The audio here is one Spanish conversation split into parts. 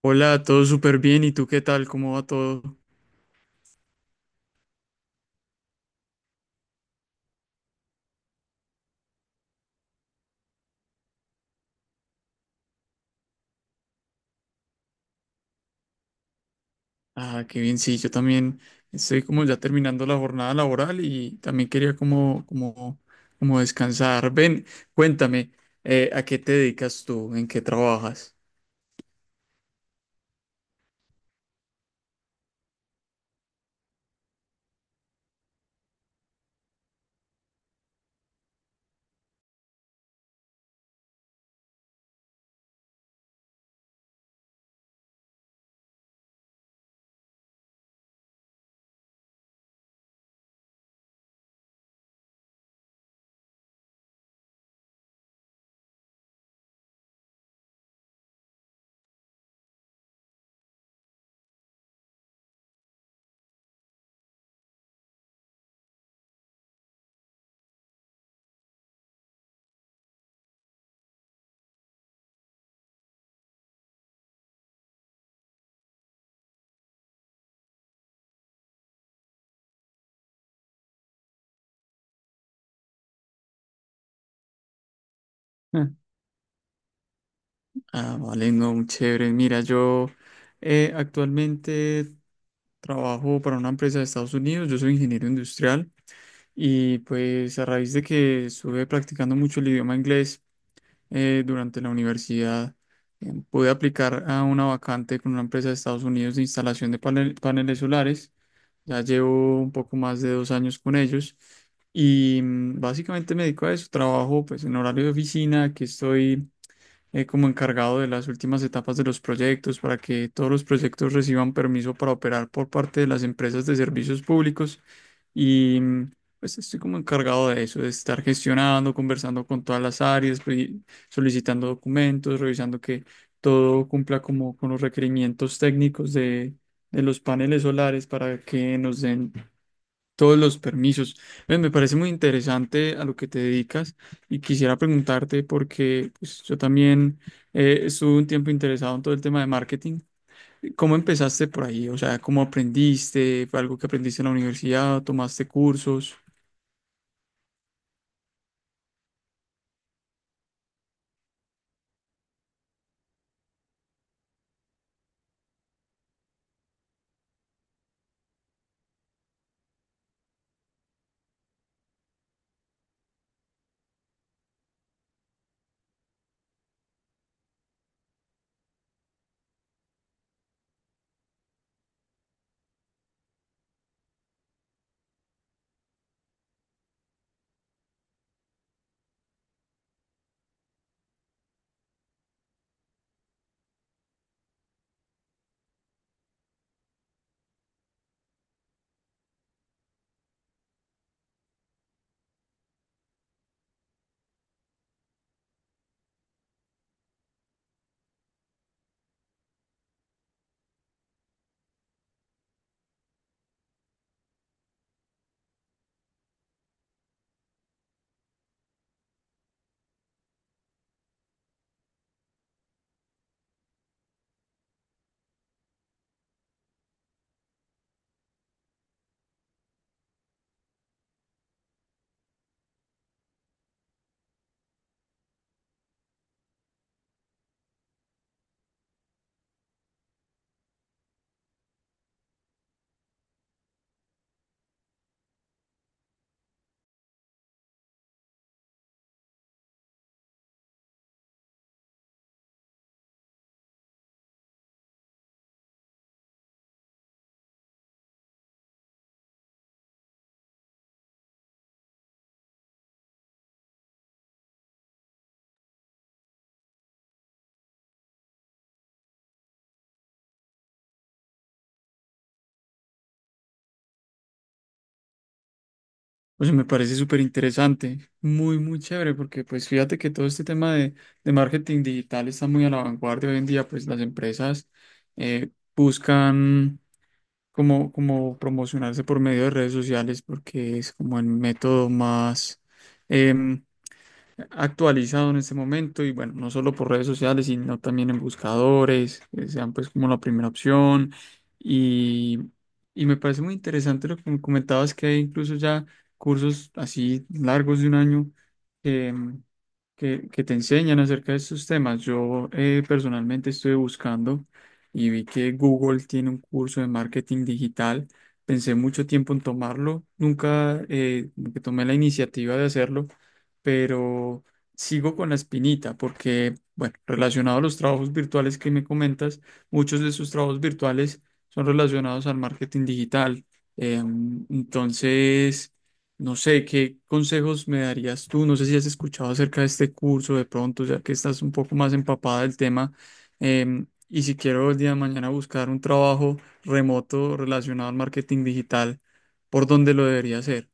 Hola, todo súper bien. ¿Y tú qué tal? ¿Cómo va todo? Ah, qué bien. Sí, yo también estoy como ya terminando la jornada laboral y también quería como descansar. Ven, cuéntame, ¿a qué te dedicas tú? ¿En qué trabajas? Mm. Ah, vale, no, muy chévere. Mira, yo actualmente trabajo para una empresa de Estados Unidos, yo soy ingeniero industrial y pues a raíz de que estuve practicando mucho el idioma inglés, durante la universidad. Pude aplicar a una vacante con una empresa de Estados Unidos de instalación de paneles solares. Ya llevo un poco más de 2 años con ellos y básicamente me dedico a eso. Trabajo pues en horario de oficina, que estoy como encargado de las últimas etapas de los proyectos para que todos los proyectos reciban permiso para operar por parte de las empresas de servicios públicos y pues estoy como encargado de eso, de estar gestionando, conversando con todas las áreas, solicitando documentos, revisando que todo cumpla como con los requerimientos técnicos de los paneles solares para que nos den todos los permisos. Ven, me parece muy interesante a lo que te dedicas. Y quisiera preguntarte porque pues, yo también estuve un tiempo interesado en todo el tema de marketing. ¿Cómo empezaste por ahí? O sea, ¿cómo aprendiste? ¿Fue algo que aprendiste en la universidad? ¿Tomaste cursos? O sea, me parece súper interesante, muy, muy chévere, porque pues fíjate que todo este tema de marketing digital está muy a la vanguardia hoy en día, pues las empresas eh, buscan como promocionarse por medio de redes sociales porque es como el método más em, actualizado en este momento y bueno, no solo por redes sociales, sino también en buscadores, que sean pues como la primera opción. Y, y me parece muy interesante lo que me comentabas, que hay incluso ya cursos así largos de 1 año que, que te enseñan acerca de estos temas. Yo personalmente estoy buscando y vi que Google tiene un curso de marketing digital. Pensé mucho tiempo en tomarlo, nunca como que tomé la iniciativa de hacerlo pero sigo con la espinita porque, bueno, relacionado a los trabajos virtuales que me comentas, muchos de sus trabajos virtuales son relacionados al marketing digital. Eh, entonces, no sé, ¿qué consejos me darías tú? No sé si has escuchado acerca de este curso de pronto, ya que estás un poco más empapada del tema. Y si quiero el día de mañana buscar un trabajo remoto relacionado al marketing digital, ¿por dónde lo debería hacer?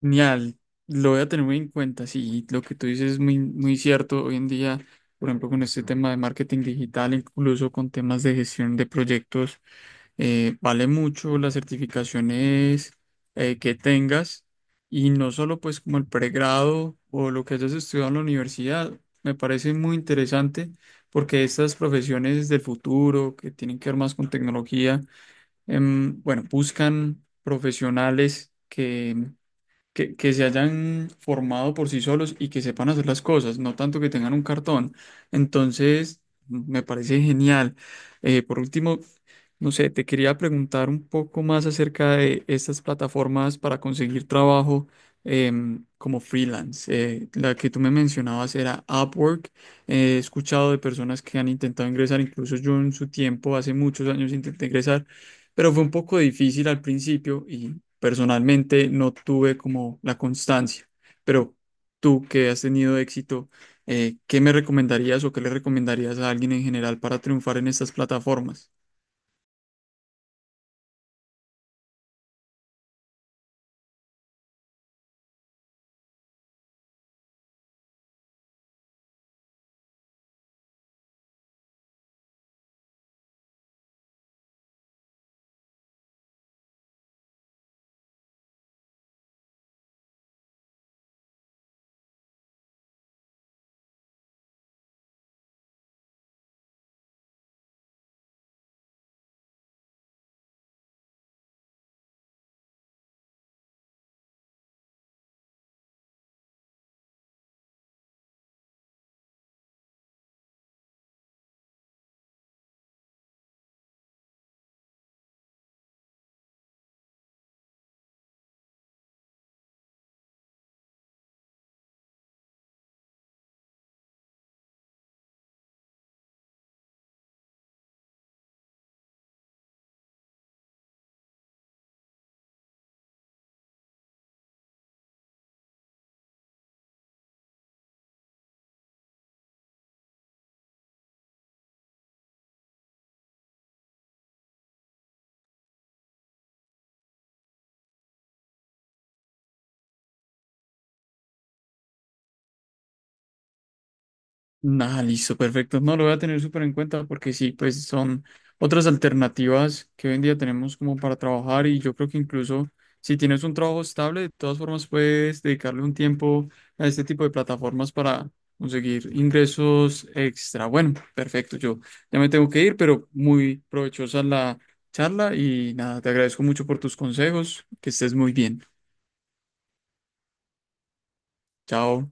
Genial, lo voy a tener muy en cuenta. Sí, lo que tú dices es muy, muy cierto. Hoy en día, por ejemplo, con este tema de marketing digital, incluso con temas de gestión de proyectos, vale mucho las certificaciones que tengas y no solo pues como el pregrado o lo que hayas estudiado en la universidad. Me parece muy interesante porque estas profesiones del futuro que tienen que ver más con tecnología, bueno, buscan profesionales. Que se hayan formado por sí solos y que sepan hacer las cosas, no tanto que tengan un cartón. Entonces, me parece genial. Por último, no sé, te quería preguntar un poco más acerca de estas plataformas para conseguir trabajo como freelance. La que tú me mencionabas era Upwork. He escuchado de personas que han intentado ingresar, incluso yo en su tiempo, hace muchos años intenté ingresar. Pero fue un poco difícil al principio y personalmente no tuve como la constancia, pero tú que has tenido éxito, ¿qué me recomendarías o qué le recomendarías a alguien en general para triunfar en estas plataformas? Nada, listo, perfecto. No lo voy a tener súper en cuenta porque sí, pues son otras alternativas que hoy en día tenemos como para trabajar y yo creo que incluso si tienes un trabajo estable, de todas formas puedes dedicarle un tiempo a este tipo de plataformas para conseguir ingresos extra. Bueno, perfecto, yo ya me tengo que ir, pero muy provechosa la charla y nada, te agradezco mucho por tus consejos, que estés muy bien. Chao.